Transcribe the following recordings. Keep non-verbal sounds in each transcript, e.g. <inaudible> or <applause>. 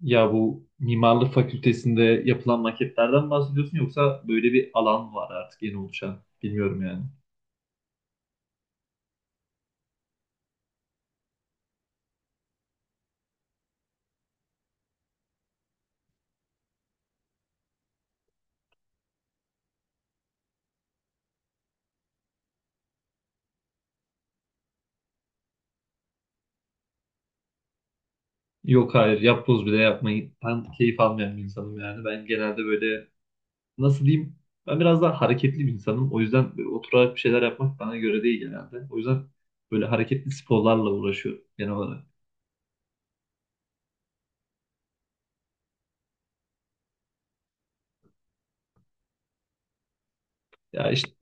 Ya bu mimarlık fakültesinde yapılan maketlerden bahsediyorsun yoksa böyle bir alan var artık yeni oluşan. Bilmiyorum yani. Yok, hayır, yapboz bile yapmayı ben keyif almayan bir insanım yani. Ben genelde böyle nasıl diyeyim, ben biraz daha hareketli bir insanım. O yüzden böyle oturarak bir şeyler yapmak bana göre değil genelde. O yüzden böyle hareketli sporlarla uğraşıyorum genel olarak. Ya işte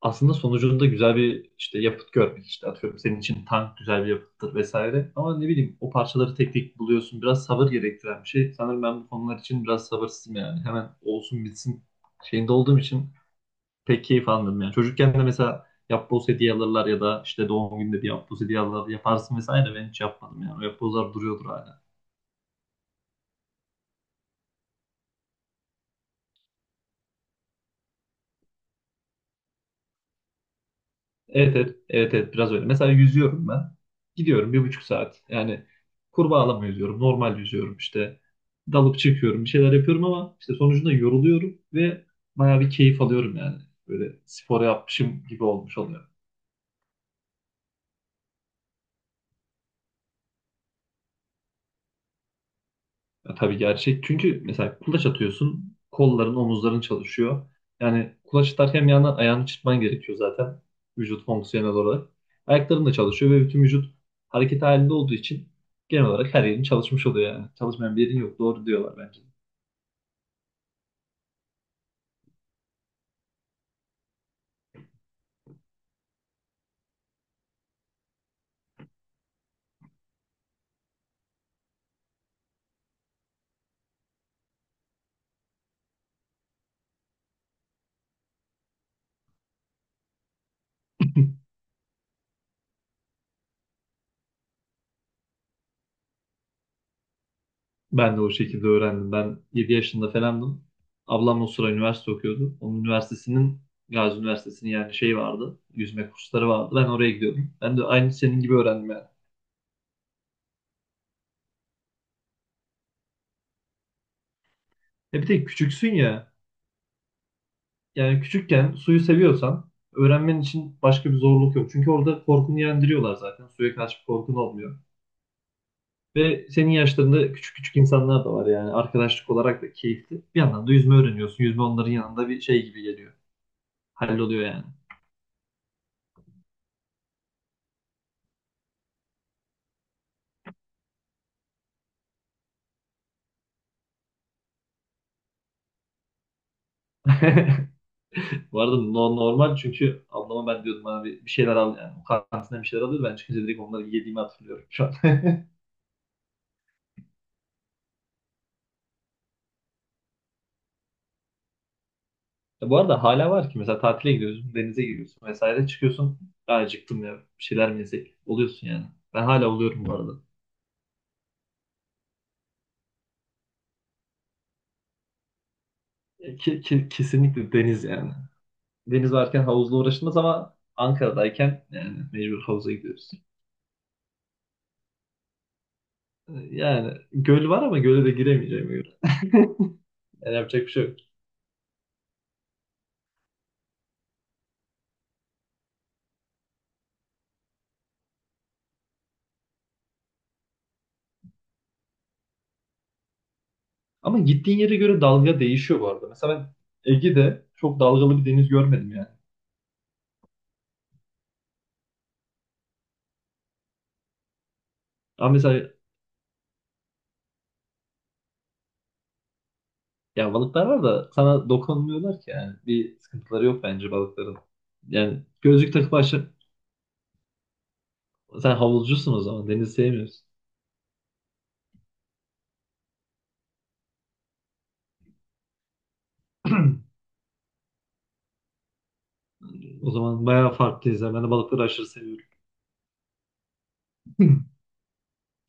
aslında sonucunda güzel bir işte yapıt görmek, işte atıyorum senin için tank güzel bir yapıttır vesaire, ama ne bileyim o parçaları tek tek buluyorsun, biraz sabır gerektiren bir şey. Sanırım ben bu konular için biraz sabırsızım yani, hemen olsun bitsin şeyinde olduğum için pek keyif almıyorum yani. Çocukken de mesela yapboz hediye alırlar ya da işte doğum gününde bir yapboz hediye alırlar, yaparsın vesaire, ben hiç yapmadım yani, o yapbozlar duruyordur hala. Evet, evet, evet, evet, biraz öyle. Mesela yüzüyorum ben. Gidiyorum 1,5 saat. Yani kurbağalama yüzüyorum. Normal yüzüyorum işte. Dalıp çıkıyorum. Bir şeyler yapıyorum ama işte sonucunda yoruluyorum ve bayağı bir keyif alıyorum yani. Böyle spor yapmışım gibi olmuş oluyor. Ya tabii gerçek. Çünkü mesela kulaç atıyorsun, kolların, omuzların çalışıyor. Yani kulaç atarken yana ayağını çırpman gerekiyor zaten, vücut fonksiyonel olarak. Ayakların da çalışıyor ve bütün vücut hareket halinde olduğu için genel olarak her yerin çalışmış oluyor yani. Çalışmayan bir yerin yok. Doğru diyorlar bence. Ben de o şekilde öğrendim. Ben 7 yaşında falandım. Ablam o sıra üniversite okuyordu. Onun üniversitesinin, Gazi Üniversitesi'nin yani, şey vardı, yüzme kursları vardı. Ben oraya gidiyordum. Ben de aynı senin gibi öğrendim yani. E bir de küçüksün ya, yani küçükken suyu seviyorsan öğrenmen için başka bir zorluk yok. Çünkü orada korkunu yendiriyorlar zaten. Suya karşı bir korkun olmuyor. Ve senin yaşlarında küçük küçük insanlar da var yani, arkadaşlık olarak da keyifli. Bir yandan da yüzme öğreniyorsun. Yüzme onların yanında bir şey gibi geliyor. Halloluyor yani. <laughs> Bu arada normal, çünkü ablama ben diyordum, abi bir şeyler al yani. O kantinden bir şeyler alıyordu. Ben çıkınca direkt onları yediğimi hatırlıyorum şu an. Ya bu arada hala var ki, mesela tatile gidiyorsun, denize giriyorsun vesaire, çıkıyorsun. "Ya acıktım, ya bir şeyler mi yesek?" Oluyorsun yani. Ben hala oluyorum bu arada. Kesinlikle deniz yani. Deniz varken havuzla uğraşılmaz, ama Ankara'dayken yani mecbur havuza gidiyoruz. Yani göl var ama göle de giremeyeceğim göre. Yani yapacak bir şey yok. Ama gittiğin yere göre dalga değişiyor bu arada. Mesela ben Ege'de çok dalgalı bir deniz görmedim yani. Ama mesela, ya balıklar var da sana dokunmuyorlar ki yani. Bir sıkıntıları yok bence balıkların. Yani gözlük takıp aşağı... Sen havuzcusun o zaman. Denizi sevmiyorsun. <clears throat> O zaman bayağı farklıyız ya. Ben de balıkları aşırı seviyorum. <clears throat>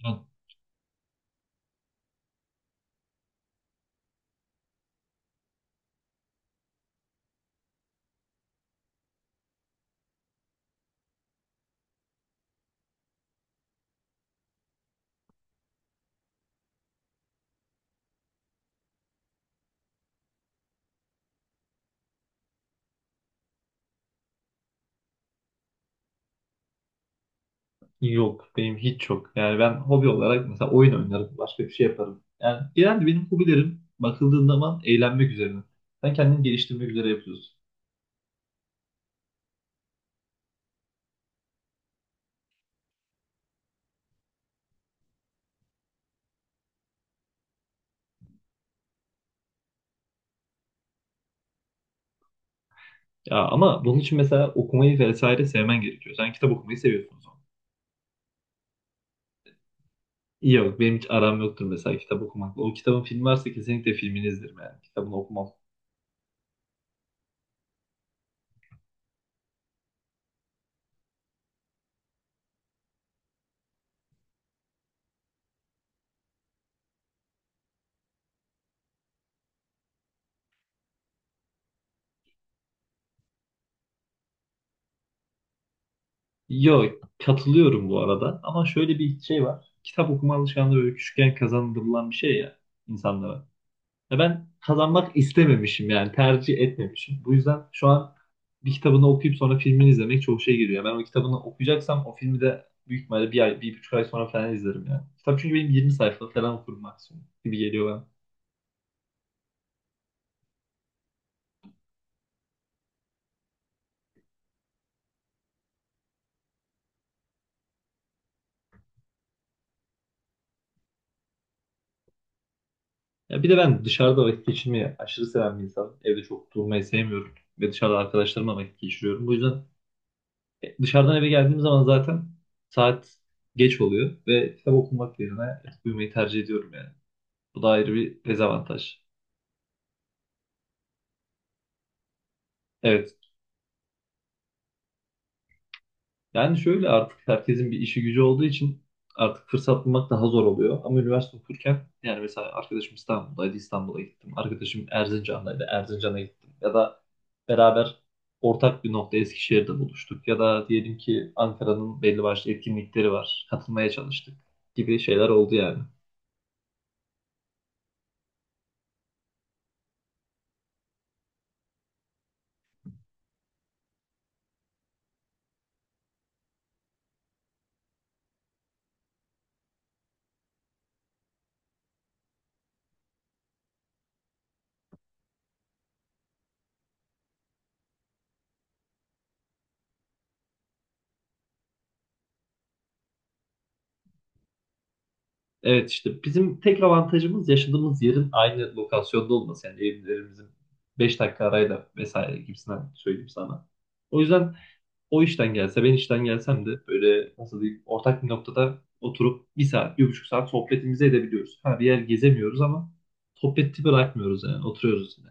Yani yok. Benim hiç yok. Yani ben hobi olarak mesela oyun oynarım. Başka bir şey yaparım. Yani genelde benim hobilerim bakıldığında zaman eğlenmek üzerine. Sen kendini geliştirmek üzere yapıyorsun. Ya ama bunun için mesela okumayı vesaire sevmen gerekiyor. Sen kitap okumayı seviyorsun. Yok, benim hiç aram yoktur mesela kitap okumakla. O kitabın filmi varsa kesinlikle filmini izlerim yani. Kitabını okumam. Yok, katılıyorum bu arada, ama şöyle bir şey var. Kitap okuma alışkanlığı böyle küçükken kazandırılan bir şey ya, insanlara. Ya ben kazanmak istememişim yani, tercih etmemişim. Bu yüzden şu an bir kitabını okuyup sonra filmini izlemek çok şey geliyor. Ben o kitabını okuyacaksam o filmi de büyük ihtimalle 1 ay, 1,5 ay sonra falan izlerim yani. Kitap çünkü benim, 20 sayfa falan okurum maksimum gibi geliyor. Ya bir de ben dışarıda vakit geçirmeyi aşırı seven bir insanım. Evde çok durmayı sevmiyorum ve dışarıda arkadaşlarımla vakit geçiriyorum. Bu yüzden dışarıdan eve geldiğim zaman zaten saat geç oluyor ve kitap okumak yerine uyumayı tercih ediyorum yani. Bu da ayrı bir dezavantaj. Evet. Yani şöyle, artık herkesin bir işi gücü olduğu için artık fırsat bulmak daha zor oluyor. Ama üniversite okurken, yani mesela arkadaşım İstanbul'daydı, İstanbul'a gittim. Arkadaşım Erzincan'daydı, Erzincan'a gittim. Ya da beraber ortak bir nokta Eskişehir'de buluştuk. Ya da diyelim ki Ankara'nın belli başlı etkinlikleri var, katılmaya çalıştık gibi şeyler oldu yani. Evet, işte bizim tek avantajımız yaşadığımız yerin aynı lokasyonda olması. Yani evlerimizin 5 dakika arayla vesaire gibisinden söyleyeyim sana. O yüzden o işten gelse, ben işten gelsem de, böyle nasıl diyeyim, ortak bir noktada oturup 1 saat 1,5 saat sohbetimizi edebiliyoruz. Ha bir yer gezemiyoruz ama sohbeti bırakmıyoruz yani, oturuyoruz yine.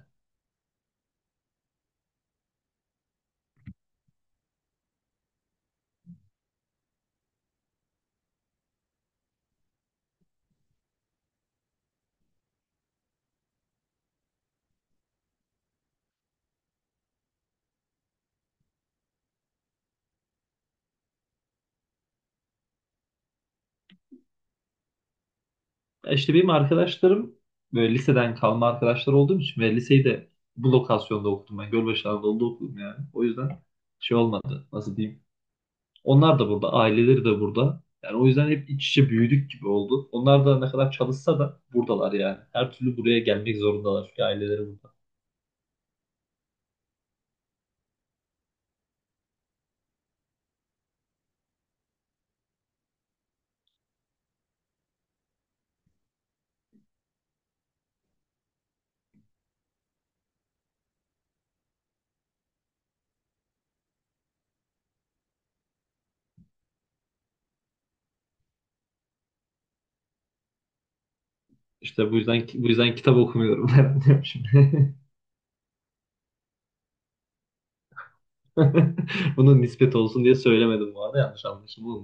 Ya işte benim arkadaşlarım böyle liseden kalma arkadaşlar olduğum için ve liseyi de bu lokasyonda okudum ben. Gölbaşı Anadolu'da okudum yani. O yüzden şey olmadı, nasıl diyeyim. Onlar da burada, aileleri de burada. Yani o yüzden hep iç içe büyüdük gibi oldu. Onlar da ne kadar çalışsa da buradalar yani. Her türlü buraya gelmek zorundalar çünkü aileleri burada. İşte bu yüzden kitap okumuyorum <laughs> herhalde şimdi. <laughs> Bunun nispet olsun diye söylemedim bu arada, yanlış anlaşılma